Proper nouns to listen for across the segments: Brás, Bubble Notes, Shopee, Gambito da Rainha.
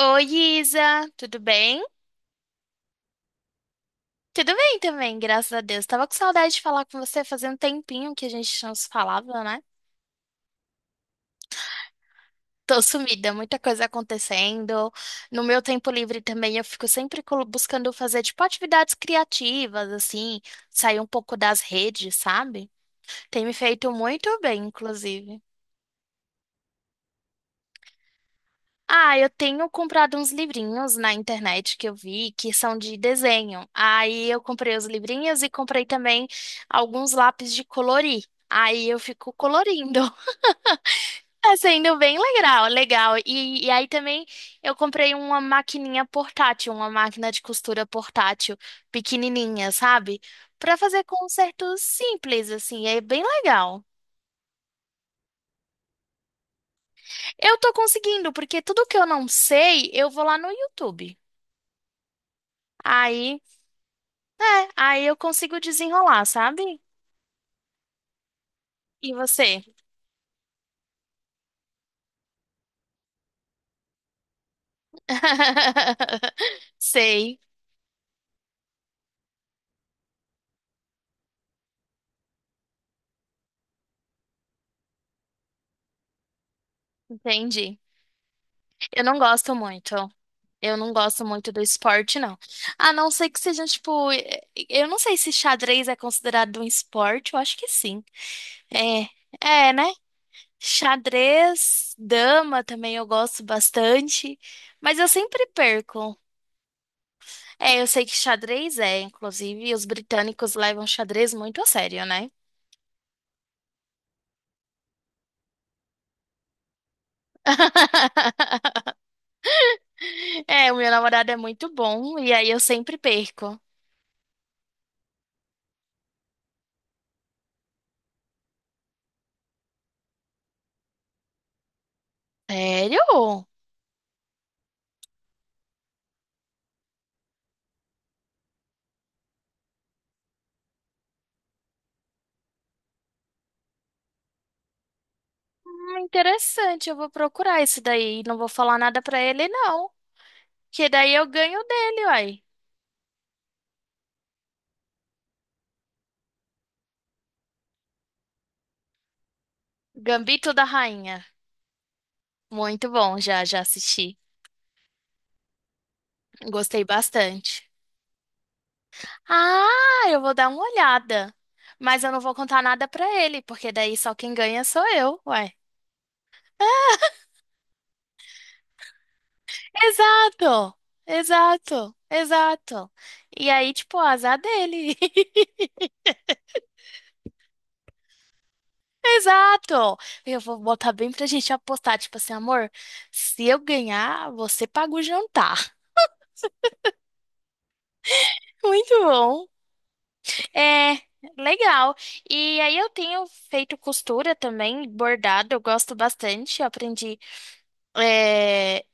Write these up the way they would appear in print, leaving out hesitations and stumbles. Oi, Isa, tudo bem? Tudo bem também, graças a Deus. Tava com saudade de falar com você, fazia um tempinho que a gente não se falava, né? Tô sumida, muita coisa acontecendo. No meu tempo livre também eu fico sempre buscando fazer tipo atividades criativas, assim, sair um pouco das redes, sabe? Tem me feito muito bem, inclusive. Ah, eu tenho comprado uns livrinhos na internet que eu vi que são de desenho. Aí eu comprei os livrinhos e comprei também alguns lápis de colorir. Aí eu fico colorindo. Tá sendo bem legal, legal. E aí também eu comprei uma maquininha portátil, uma máquina de costura portátil, pequenininha, sabe? Pra fazer consertos simples, assim, é bem legal. Eu tô conseguindo, porque tudo que eu não sei, eu vou lá no YouTube. Aí Aí eu consigo desenrolar, sabe? E você? Sei, entendi. Eu não gosto muito. Eu não gosto muito do esporte, não. A não ser que seja, tipo, eu não sei se xadrez é considerado um esporte, eu acho que sim. É, é, né? Xadrez, dama também eu gosto bastante, mas eu sempre perco. É, eu sei que xadrez é, inclusive, os britânicos levam xadrez muito a sério, né? É, o meu namorado é muito bom e aí eu sempre perco. Sério? Interessante, eu vou procurar isso daí. Não vou falar nada pra ele, não. Que daí eu ganho dele, uai. Gambito da Rainha. Muito bom, já, já assisti. Gostei bastante. Ah, eu vou dar uma olhada. Mas eu não vou contar nada pra ele, porque daí só quem ganha sou eu, uai. Exato! Exato! Exato! E aí, tipo, o azar dele. Exato! Eu vou botar bem pra gente apostar, tipo assim, amor, se eu ganhar, você paga o jantar. Muito bom. É, legal. E aí eu tenho feito costura também, bordado, eu gosto bastante. Eu aprendi, eh,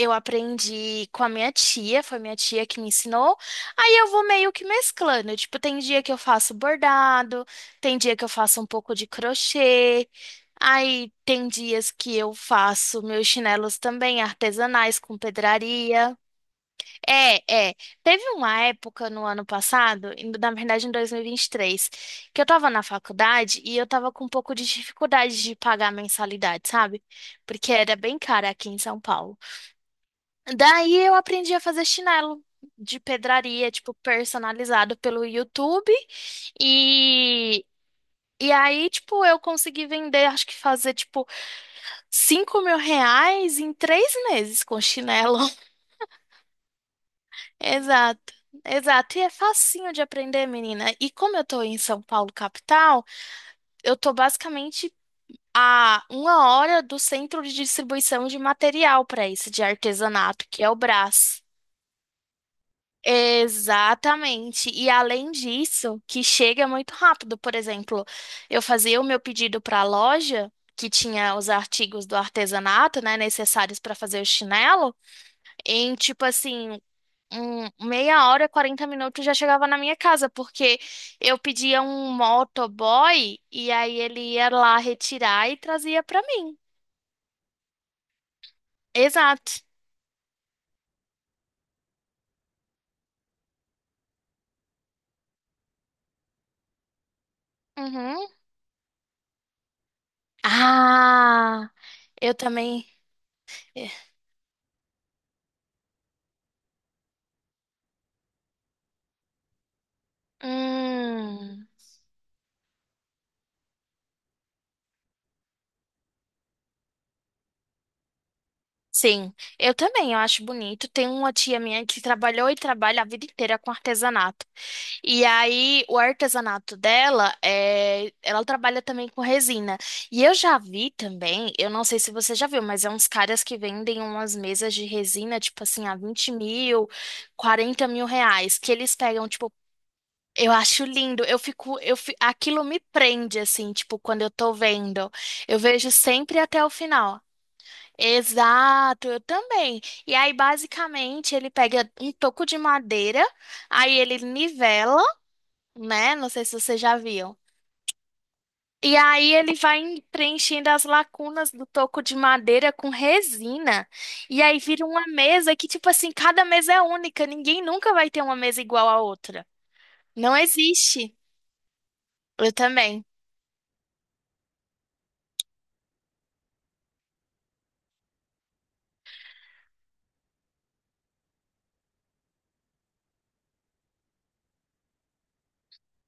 Eu aprendi com a minha tia, foi minha tia que me ensinou. Aí eu vou meio que mesclando. Tipo, tem dia que eu faço bordado, tem dia que eu faço um pouco de crochê. Aí tem dias que eu faço meus chinelos também artesanais com pedraria. É, é. Teve uma época no ano passado, na verdade em 2023, que eu tava na faculdade e eu tava com um pouco de dificuldade de pagar a mensalidade, sabe? Porque era bem cara aqui em São Paulo. Daí eu aprendi a fazer chinelo de pedraria, tipo, personalizado pelo YouTube. E, e aí, tipo, eu consegui vender, acho que fazer, tipo, 5 mil reais em três meses com chinelo. Exato. Exato, e é facinho de aprender, menina. E como eu tô em São Paulo, capital, eu tô basicamente a uma hora do centro de distribuição de material para isso, de artesanato, que é o Brás. Exatamente. E além disso, que chega muito rápido. Por exemplo, eu fazia o meu pedido para a loja, que tinha os artigos do artesanato, né, necessários para fazer o chinelo, em tipo assim, meia hora, 40 minutos já chegava na minha casa, porque eu pedia um motoboy e aí ele ia lá retirar e trazia para mim. Exato. Uhum. Ah, eu também. eh, Hum. Sim, eu também, eu acho bonito. Tem uma tia minha que trabalhou e trabalha a vida inteira com artesanato. E aí, o artesanato dela é, ela trabalha também com resina. E eu já vi também, eu não sei se você já viu, mas é uns caras que vendem umas mesas de resina, tipo assim, a 20 mil, 40 mil reais, que eles pegam, tipo, eu acho lindo, eu fico, aquilo me prende, assim, tipo, quando eu tô vendo. Eu vejo sempre até o final. Exato, eu também. E aí, basicamente, ele pega um toco de madeira, aí ele nivela, né? Não sei se vocês já viram. E aí ele vai preenchendo as lacunas do toco de madeira com resina. E aí vira uma mesa que, tipo assim, cada mesa é única. Ninguém nunca vai ter uma mesa igual à outra. Não existe. Eu também.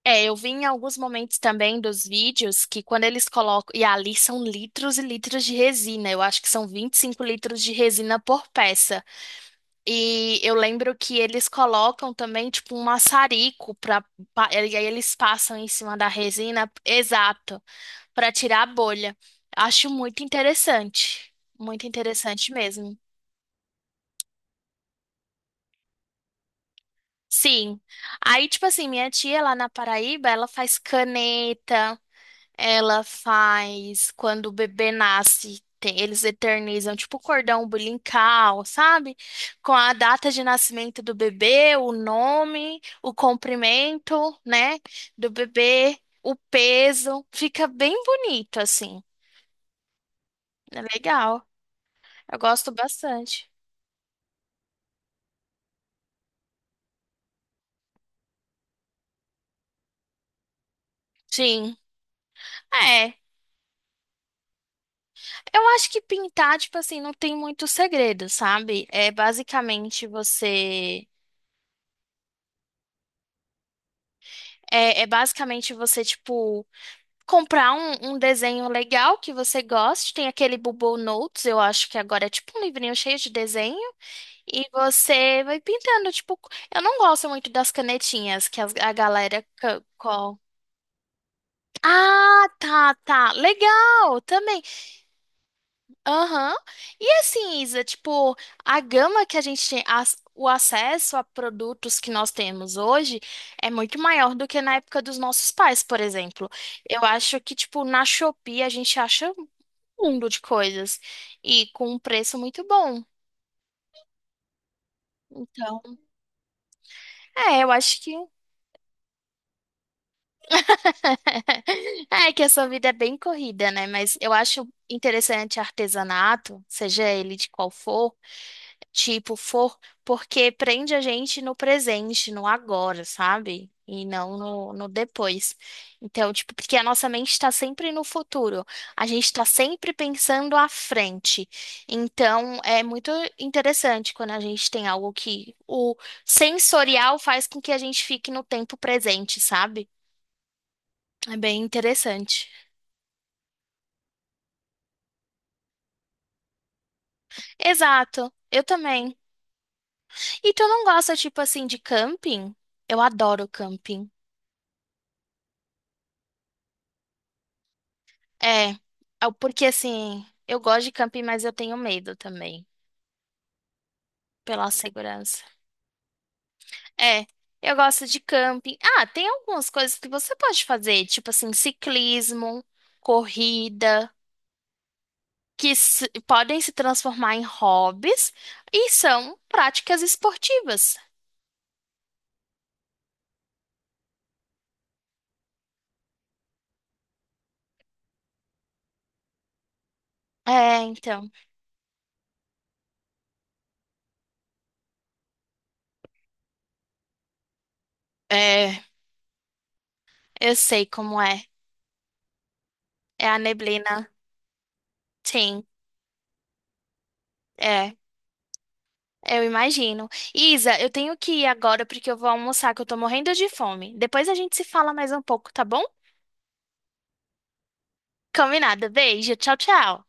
É, eu vi em alguns momentos também dos vídeos que quando eles colocam. E ali são litros e litros de resina. Eu acho que são 25 litros de resina por peça. E eu lembro que eles colocam também, tipo, um maçarico pra. E aí eles passam em cima da resina, exato, pra tirar a bolha. Acho muito interessante. Muito interessante mesmo. Sim. Aí, tipo assim, minha tia lá na Paraíba, ela faz caneta. Ela faz quando o bebê nasce, eles eternizam tipo o cordão umbilical, sabe? Com a data de nascimento do bebê, o nome, o comprimento, né, do bebê, o peso, fica bem bonito assim. É legal. Eu gosto bastante. Sim. É. Eu acho que pintar, tipo assim, não tem muito segredo, sabe? É basicamente você É, é basicamente você, tipo, comprar um desenho legal que você goste. Tem aquele Bubble Notes, eu acho que agora é tipo um livrinho cheio de desenho. E você vai pintando, tipo. Eu não gosto muito das canetinhas que a galera. Ah, tá, tá. Legal, também. Aham. E assim, Isa, tipo, a gama que a gente tem, o acesso a produtos que nós temos hoje é muito maior do que na época dos nossos pais, por exemplo. Eu acho que, tipo, na Shopee a gente acha mundo de coisas e com um preço muito bom. Então, é, eu acho que é que a sua vida é bem corrida, né? Mas eu acho interessante artesanato, seja ele de qual for. Tipo, for porque prende a gente no presente, no agora, sabe? E não no depois. Então, tipo, porque a nossa mente está sempre no futuro, a gente está sempre pensando à frente. Então, é muito interessante quando a gente tem algo que o sensorial faz com que a gente fique no tempo presente, sabe? É bem interessante. Exato, eu também. E tu não gosta, tipo assim, de camping? Eu adoro camping. É, ah, porque assim, eu gosto de camping, mas eu tenho medo também, pela segurança. É, eu gosto de camping. Ah, tem algumas coisas que você pode fazer, tipo assim, ciclismo, corrida, que podem se transformar em hobbies e são práticas esportivas. É, então. É, eu sei como é. É a neblina. Sim, é. Eu imagino. Isa, eu tenho que ir agora porque eu vou almoçar, que eu tô morrendo de fome. Depois a gente se fala mais um pouco, tá bom? Combinado. Beijo. Tchau, tchau.